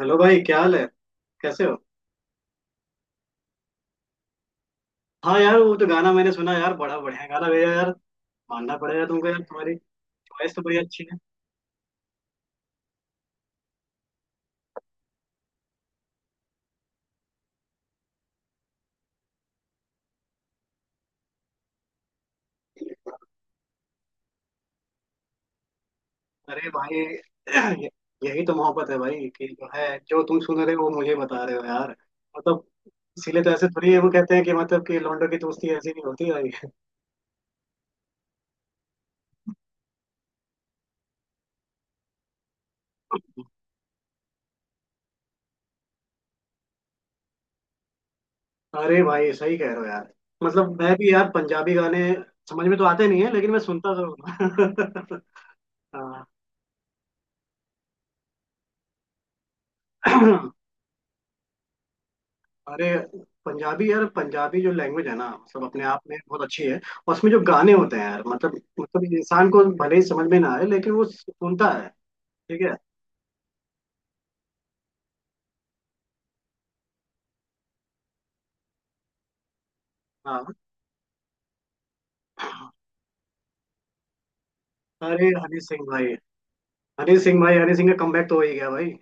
Hello भाई, क्या हाल है? कैसे हो? हाँ यार, वो तो गाना मैंने सुना यार, बड़ा बढ़िया गाना भैया यार। मानना पड़ेगा तुमको यार, तुम्हारी चॉइस तो बड़ी अच्छी है। अरे भाई, ये- यही तो मोहब्बत है भाई कि जो है, जो तुम सुन रहे हो वो मुझे बता रहे हो यार। मतलब इसीलिए तो ऐसे थोड़ी है, वो कहते हैं कि मतलब कि लौंडों की दोस्ती ऐसी नहीं होती भाई। अरे भाई, सही कह रहे हो यार। मतलब मैं भी यार पंजाबी गाने समझ में तो आते नहीं है, लेकिन मैं सुनता जरूर हूँ। हाँ। अरे पंजाबी यार, पंजाबी जो लैंग्वेज है ना, मतलब अपने आप में बहुत अच्छी है, और उसमें जो गाने होते हैं यार, मतलब इंसान को भले ही समझ में ना आए, लेकिन वो सुनता है। ठीक है। हाँ। अरे हनी सिंह भाई, हनी सिंह भाई, हनी सिंह का कमबैक तो हो ही गया भाई।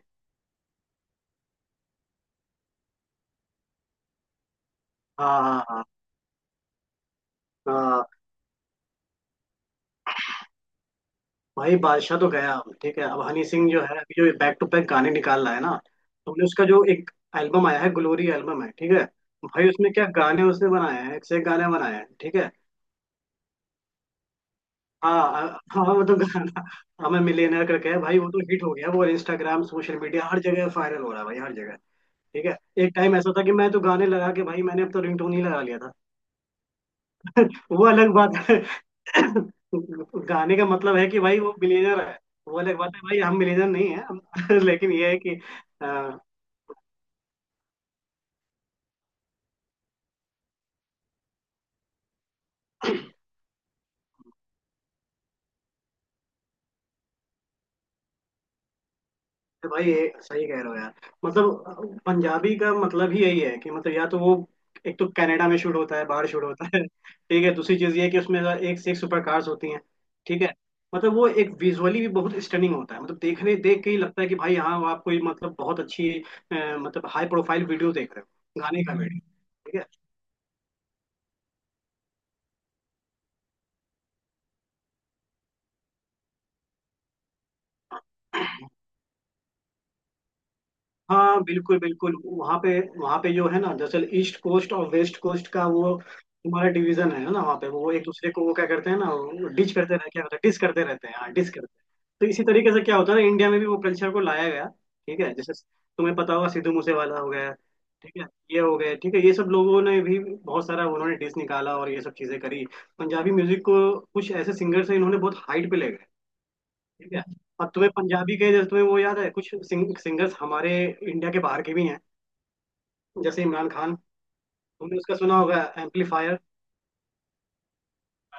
हाँ, हाँ, हाँ, हाँ। भाई बादशाह तो गया, ठीक है। अब हनी सिंह जो है अभी जो बैक टू बैक गाने निकाल रहा है ना, तुमने उसका जो एक एल्बम आया है, ग्लोरी एल्बम है, ठीक है। भाई उसमें क्या गाने उसने बनाए हैं, एक से एक गाने बनाए हैं। ठीक है। हाँ, हाँ, हाँ, वो तो गाना हमें मिलियनेयर करके है भाई, वो तो हिट हो गया। वो इंस्टाग्राम, सोशल मीडिया, हर जगह वायरल हो रहा है भाई, हर जगह। ठीक है। एक टाइम ऐसा था कि मैं तो गाने लगा के भाई, मैंने अब तो रिंगटोन ही लगा लिया था। वो अलग बात है। गाने का मतलब है कि भाई वो मिलियनेयर है, वो अलग बात है भाई, हम मिलियनेयर नहीं है। लेकिन ये है कि, तो भाई ये सही कह रहे हो यार। मतलब पंजाबी का मतलब ही यही है कि मतलब या तो वो, एक तो कनाडा में शूट होता है, बाहर शूट होता है। ठीक है, दूसरी चीज ये है कि उसमें एक से एक सुपर कार्स होती हैं। ठीक है। मतलब वो एक विजुअली भी बहुत स्टनिंग होता है, मतलब देखने, देख के ही लगता है कि भाई हाँ, आप कोई मतलब बहुत अच्छी, मतलब हाई प्रोफाइल वीडियो देख रहे हो, गाने का वीडियो। ठीक है। हाँ बिल्कुल, बिल्कुल, वहाँ पे जो है ना, दरअसल ईस्ट कोस्ट और वेस्ट कोस्ट का वो तुम्हारा डिवीजन है ना, वहाँ पे वो एक दूसरे को वो क्या करते हैं ना, डिच करते रहते हैं, क्या होता है, डिस करते रहते हैं, हाँ डिस करते हैं। तो इसी तरीके से क्या होता है ना, इंडिया में भी वो कल्चर को लाया गया। ठीक है। जैसे तुम्हें पता होगा, सिद्धू मूसेवाला हो गया, ठीक है, ये हो गए, ठीक है, ये सब लोगों ने भी बहुत सारा उन्होंने डिस निकाला और ये सब चीजें करी। पंजाबी म्यूजिक को कुछ ऐसे सिंगर से इन्होंने बहुत हाइट पे ले गए। ठीक है। और तुम्हें पंजाबी के जैसे तुम्हें वो याद है कुछ सिंगर्स हमारे इंडिया के बाहर के भी हैं, जैसे इमरान खान। तुमने उसका सुना होगा, एम्पलीफायर।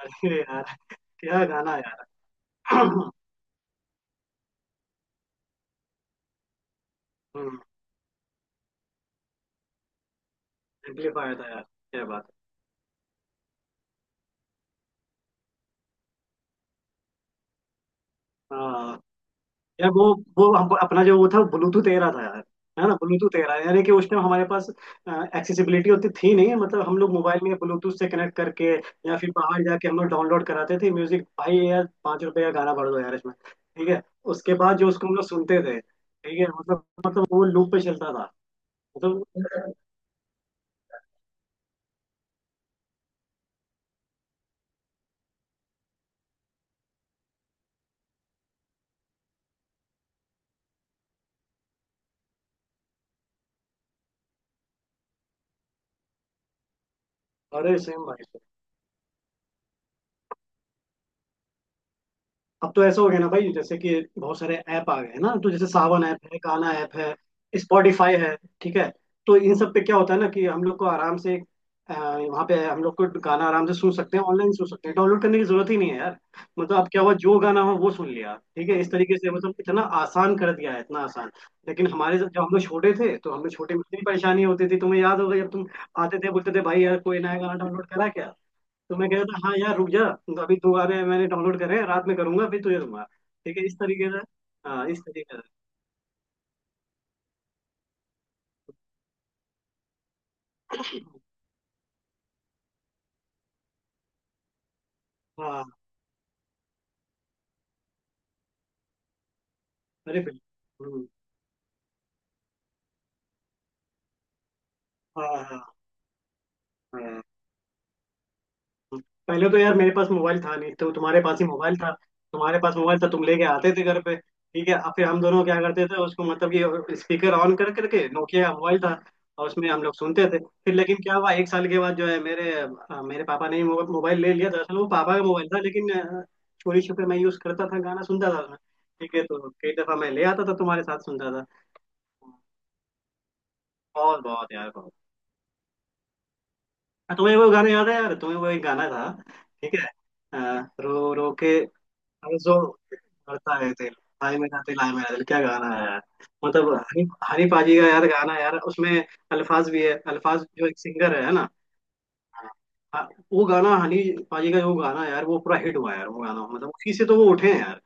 अरे यार, क्या गाना है यार। एम्पलीफायर था यार, क्या बात है। हाँ यार, वो हम अपना जो वो था, ब्लूटूथ 13 था यार। है ना, ब्लूटूथ 13, यानी कि उस टाइम हमारे पास एक्सेसिबिलिटी होती थी नहीं, मतलब हम लोग मोबाइल में ब्लूटूथ से कनेक्ट करके या फिर बाहर जाके हम लोग डाउनलोड कराते थे म्यूजिक भाई यार, 5 रुपए का गाना भर दो यार इसमें। ठीक है। उसके बाद जो, उसको हम लोग सुनते थे, ठीक है, मतलब वो लूप पे चलता था। मतलब अरे सेम भाई, अब तो ऐसा हो गया ना भाई, जैसे कि बहुत सारे ऐप आ गए हैं ना, तो जैसे सावन ऐप है, गाना ऐप है, स्पॉटिफाई है। ठीक है। तो इन सब पे क्या होता है ना, कि हम लोग को आराम से, वहाँ पे हम लोग को गाना आराम से सुन सकते हैं, ऑनलाइन सुन सकते हैं, डाउनलोड करने की जरूरत ही नहीं है यार। मतलब अब क्या हुआ, जो गाना हो वो सुन लिया, ठीक है, इस तरीके से, मतलब इतना आसान कर दिया है, इतना आसान। लेकिन हमारे जब जब हम लोग छोटे थे, तो हम लोग छोटे में इतनी परेशानी होती थी, तुम्हें याद होगा जब तुम आते थे, बोलते थे भाई यार, कोई नया गाना डाउनलोड करा क्या, तो मैं कह रहा था हाँ यार रुक जा, तो अभी दोबारा मैंने डाउनलोड करे हैं, रात में करूंगा फिर तुझे दूंगा। ठीक है, इस तरीके से। हाँ, इस तरीके से। हाँ। अरे बिल्कुल। हम्म। हाँ, हाँ, हाँ। पहले तो यार मेरे पास मोबाइल था नहीं, तो तुम्हारे पास ही मोबाइल था। तुम्हारे पास मोबाइल था, तुम लेके आते थे घर पे, ठीक है। अब फिर हम दोनों क्या करते थे उसको, मतलब कि स्पीकर ऑन कर करके, नोकिया का मोबाइल था, और उसमें हम लोग सुनते थे। फिर लेकिन क्या हुआ, एक साल के बाद जो है मेरे मेरे पापा ने ही मोबाइल ले लिया। दरअसल वो पापा का मोबाइल था, लेकिन चोरी छुपे मैं यूज करता था, गाना सुनता था उसमें। ठीक है, तो कई दफा मैं ले आता था तुम्हारे साथ सुनता था। बहुत, बहुत यार, बहुत। तुम्हें वो गाना याद है यार, तुम्हें वो एक गाना था, ठीक है, रो रो के, अरे जो करता है तेल, हाय मेरा दिल, हाय मेरा दिल, क्या गाना है यार। मतलब हनी, हनी पाजी का यार गाना है यार, उसमें अल्फाज भी है, अल्फाज जो एक सिंगर है ना। हाँ, वो गाना हनी पाजी का जो गाना है यार, वो पूरा हिट हुआ है यार, वो गाना मतलब उसी से तो वो उठे हैं यार।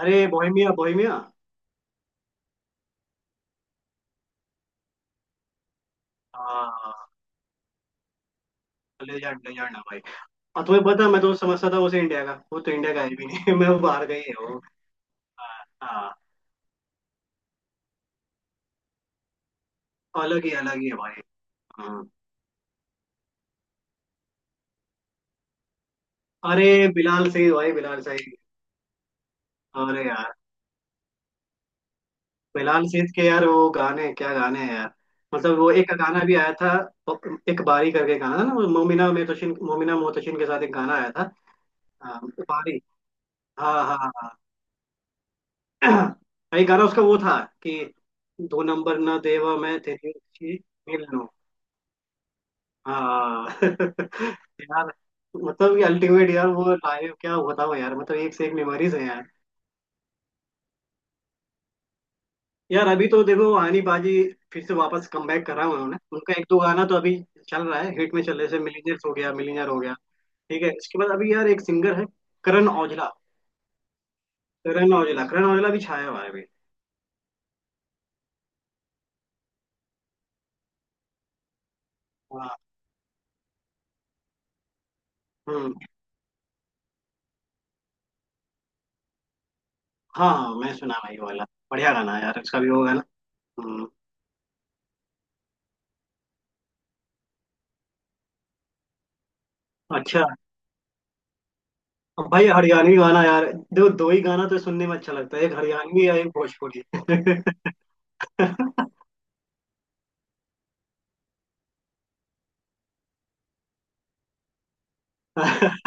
अरे बोहेमिया, बोहेमिया, हाँ। लेजेंड, लेजेंड है भाई। और तुम्हें पता है, मैं तो समझता था उसे इंडिया का, वो तो इंडिया का है भी नहीं। मैं वो बाहर गई है वो। हाँ, अलग ही, अलग ही है भाई। हाँ। अरे बिलाल सही भाई, बिलाल सही। अरे बिलाल सेठ के यार वो गाने, क्या गाने हैं यार। मतलब वो एक गाना भी आया था, एक बारी करके गाना था ना वो, मोमिना मोहतशिन, मोमिना मोहतशिन के साथ एक गाना आया था। हाँ, बारी। हाँ, हाँ, हाँ। एक गाना उसका वो था कि, दो नंबर ना देवा मैं तेरी अच्छी मिल लूं। हाँ। यार मतलब ये अल्टीमेट यार, वो लाइव क्या बताओ यार, मतलब एक से एक मेमोरीज है। यार अभी तो देखो आनी बाजी फिर से वापस कमबैक करा है उन्होंने, उनका एक दो गाना तो अभी चल रहा है, हिट में चल रहा है, जैसे मिलीनियर्स हो गया, मिलीनियर हो गया। ठीक है, इसके बाद अभी यार एक सिंगर है, करण औजला। करण औजला, करण औजला भी छाया हुआ है अभी। हाँ। हम्म। हाँ, हाँ, मैं सुना भाई वो वाला, बढ़िया गाना है यार इसका भी वो गाना। हम्म। अच्छा। अब भाई हरियाणवी गाना यार, देखो दो ही गाना तो सुनने में अच्छा लगता है, एक हरियाणवी या एक भोजपुरी।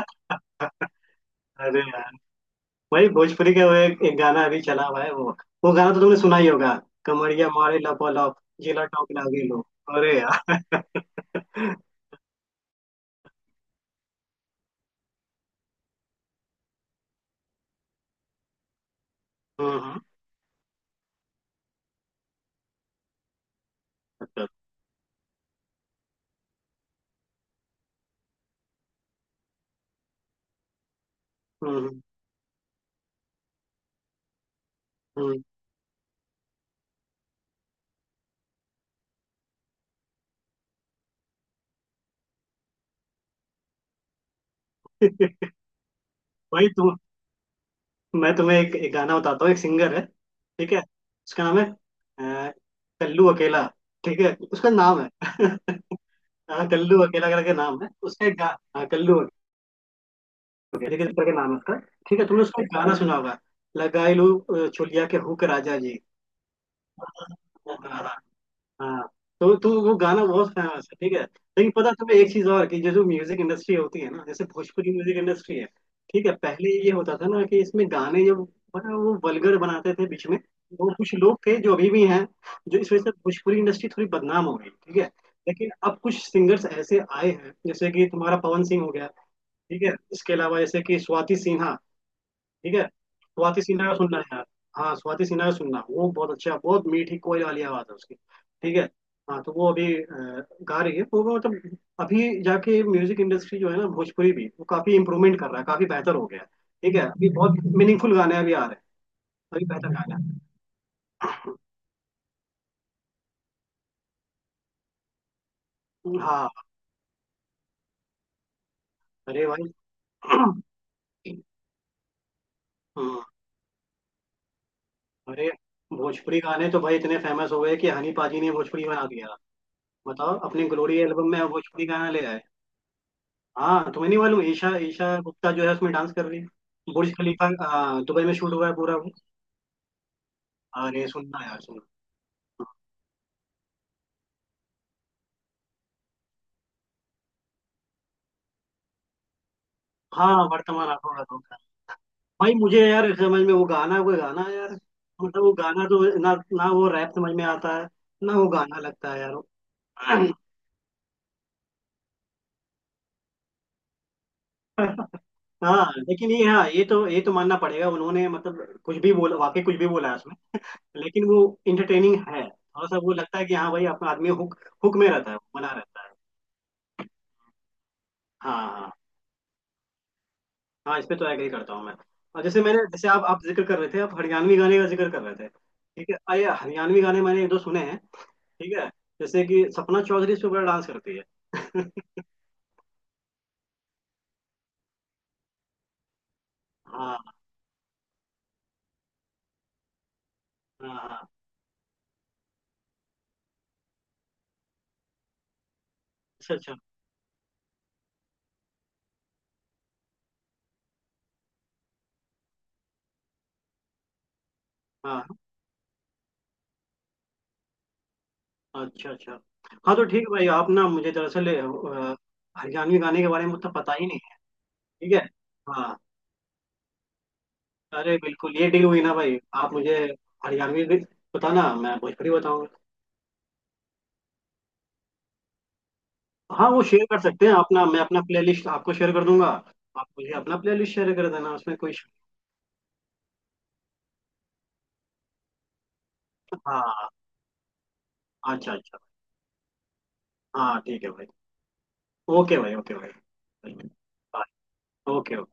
अरे यार, भाई भोजपुरी का वो एक गाना अभी चला हुआ है वो। वो गाना तो तुमने सुना ही होगा, कमरिया मारे लपो लप, जिला टॉप लागे लो, अरे यार। हम्म। हम्म। अच्छा। हम्म। हम्म। भाई। तुम, मैं तुम्हें एक गाना बताता हूँ, एक सिंगर है, ठीक है, उसका नाम है, अ, कल्लू अकेला, ठीक है, उसका नाम है। हाँ, कल्लू अकेला करके नाम है उसका, एक गा, हाँ, कल्लू अकेला, ठीक है, इस तरह के नाम है उसका। ठीक है, तुमने उसका एक गाना सुना होगा, लगाई लू चोलिया के हुक राजा जी। हाँ, तो वो गाना बहुत फेमस है, ठीक है। लेकिन पता है तुम्हें एक चीज और, कि जो जो म्यूजिक इंडस्ट्री होती है ना, जैसे भोजपुरी म्यूजिक इंडस्ट्री है, ठीक है, पहले ये होता था ना कि इसमें गाने जब, बड़ा वो वल्गर बनाते थे, बीच में वो कुछ लोग थे जो अभी भी हैं, जो इस वजह से भोजपुरी इंडस्ट्री थोड़ी बदनाम हो गई। ठीक है, लेकिन अब कुछ सिंगर्स ऐसे आए हैं जैसे कि तुम्हारा पवन सिंह हो गया, ठीक है, इसके अलावा जैसे कि स्वाति सिन्हा, ठीक है। स्वाति सिन्हा का सुनना है यार, हाँ, स्वाति सिन्हा का सुनना, वो बहुत अच्छा, बहुत मीठी कोयल वाली आवाज है उसकी। ठीक है, हाँ तो वो अभी गा रही है वो, मतलब अभी जाके म्यूजिक इंडस्ट्री जो है ना, भोजपुरी भी वो काफी इम्प्रूवमेंट कर रहा है, काफी बेहतर हो गया है। ठीक है, अभी बहुत मीनिंगफुल गाने अभी आ रहे हैं, अभी बेहतर गाने आ रहे हैं। हाँ। अरे भाई, हाँ, अरे भोजपुरी गाने तो भाई इतने फेमस हो गए कि हनी पाजी ने भोजपुरी बना दिया। बताओ अपने ग्लोरी एल्बम में भोजपुरी गाना ले आए। हाँ, तुम्हें नहीं मालूम, ईशा, ईशा गुप्ता जो है उसमें डांस कर रही है, बुर्ज खलीफा दुबई में शूट हुआ है पूरा वो। अरे सुनना यार, सुनना। हाँ, वर्तमान आंखों का धोखा, भाई मुझे यार समझ में, वो गाना, वो गाना यार मतलब, वो गाना तो ना ना, वो रैप समझ में आता है, ना वो गाना लगता है यार। हाँ, लेकिन ये हाँ, ये तो, ये तो मानना पड़ेगा उन्होंने, मतलब कुछ भी बोला, वाकई कुछ भी बोला है उसमें, लेकिन वो इंटरटेनिंग है, थोड़ा सा वो लगता है कि हाँ भाई अपना आदमी हुक, हुक में रहता है, बना रहता है। हाँ, हाँ। हाँ, इस पे तो एग्री करता हूँ मैं। और जैसे मैंने, जैसे आप जिक्र कर रहे थे, आप हरियाणवी गाने का जिक्र कर रहे थे, ठीक है, अरे हरियाणवी गाने मैंने एक दो सुने हैं, ठीक है, जैसे कि सपना चौधरी, इस पे बड़ा डांस करती है। हाँ, हाँ, हाँ। अच्छा, अच्छा। हाँ, अच्छा, अच्छा। हाँ तो ठीक है भाई, आप ना मुझे दरअसल, हरियाणवी गाने के बारे में उतना पता ही नहीं है। ठीक है। हाँ, अरे बिल्कुल, ये डील हुई ना भाई, आप मुझे हरियाणवी भी बताना, मैं भोजपुरी बताऊंगा। हाँ, वो शेयर कर सकते हैं अपना, मैं अपना प्लेलिस्ट आपको शेयर कर दूंगा, आप मुझे अपना प्लेलिस्ट शेयर कर देना, उसमें कोई। हाँ। अच्छा, अच्छा। हाँ, ठीक है भाई। ओके भाई। ओके भाई। ओके।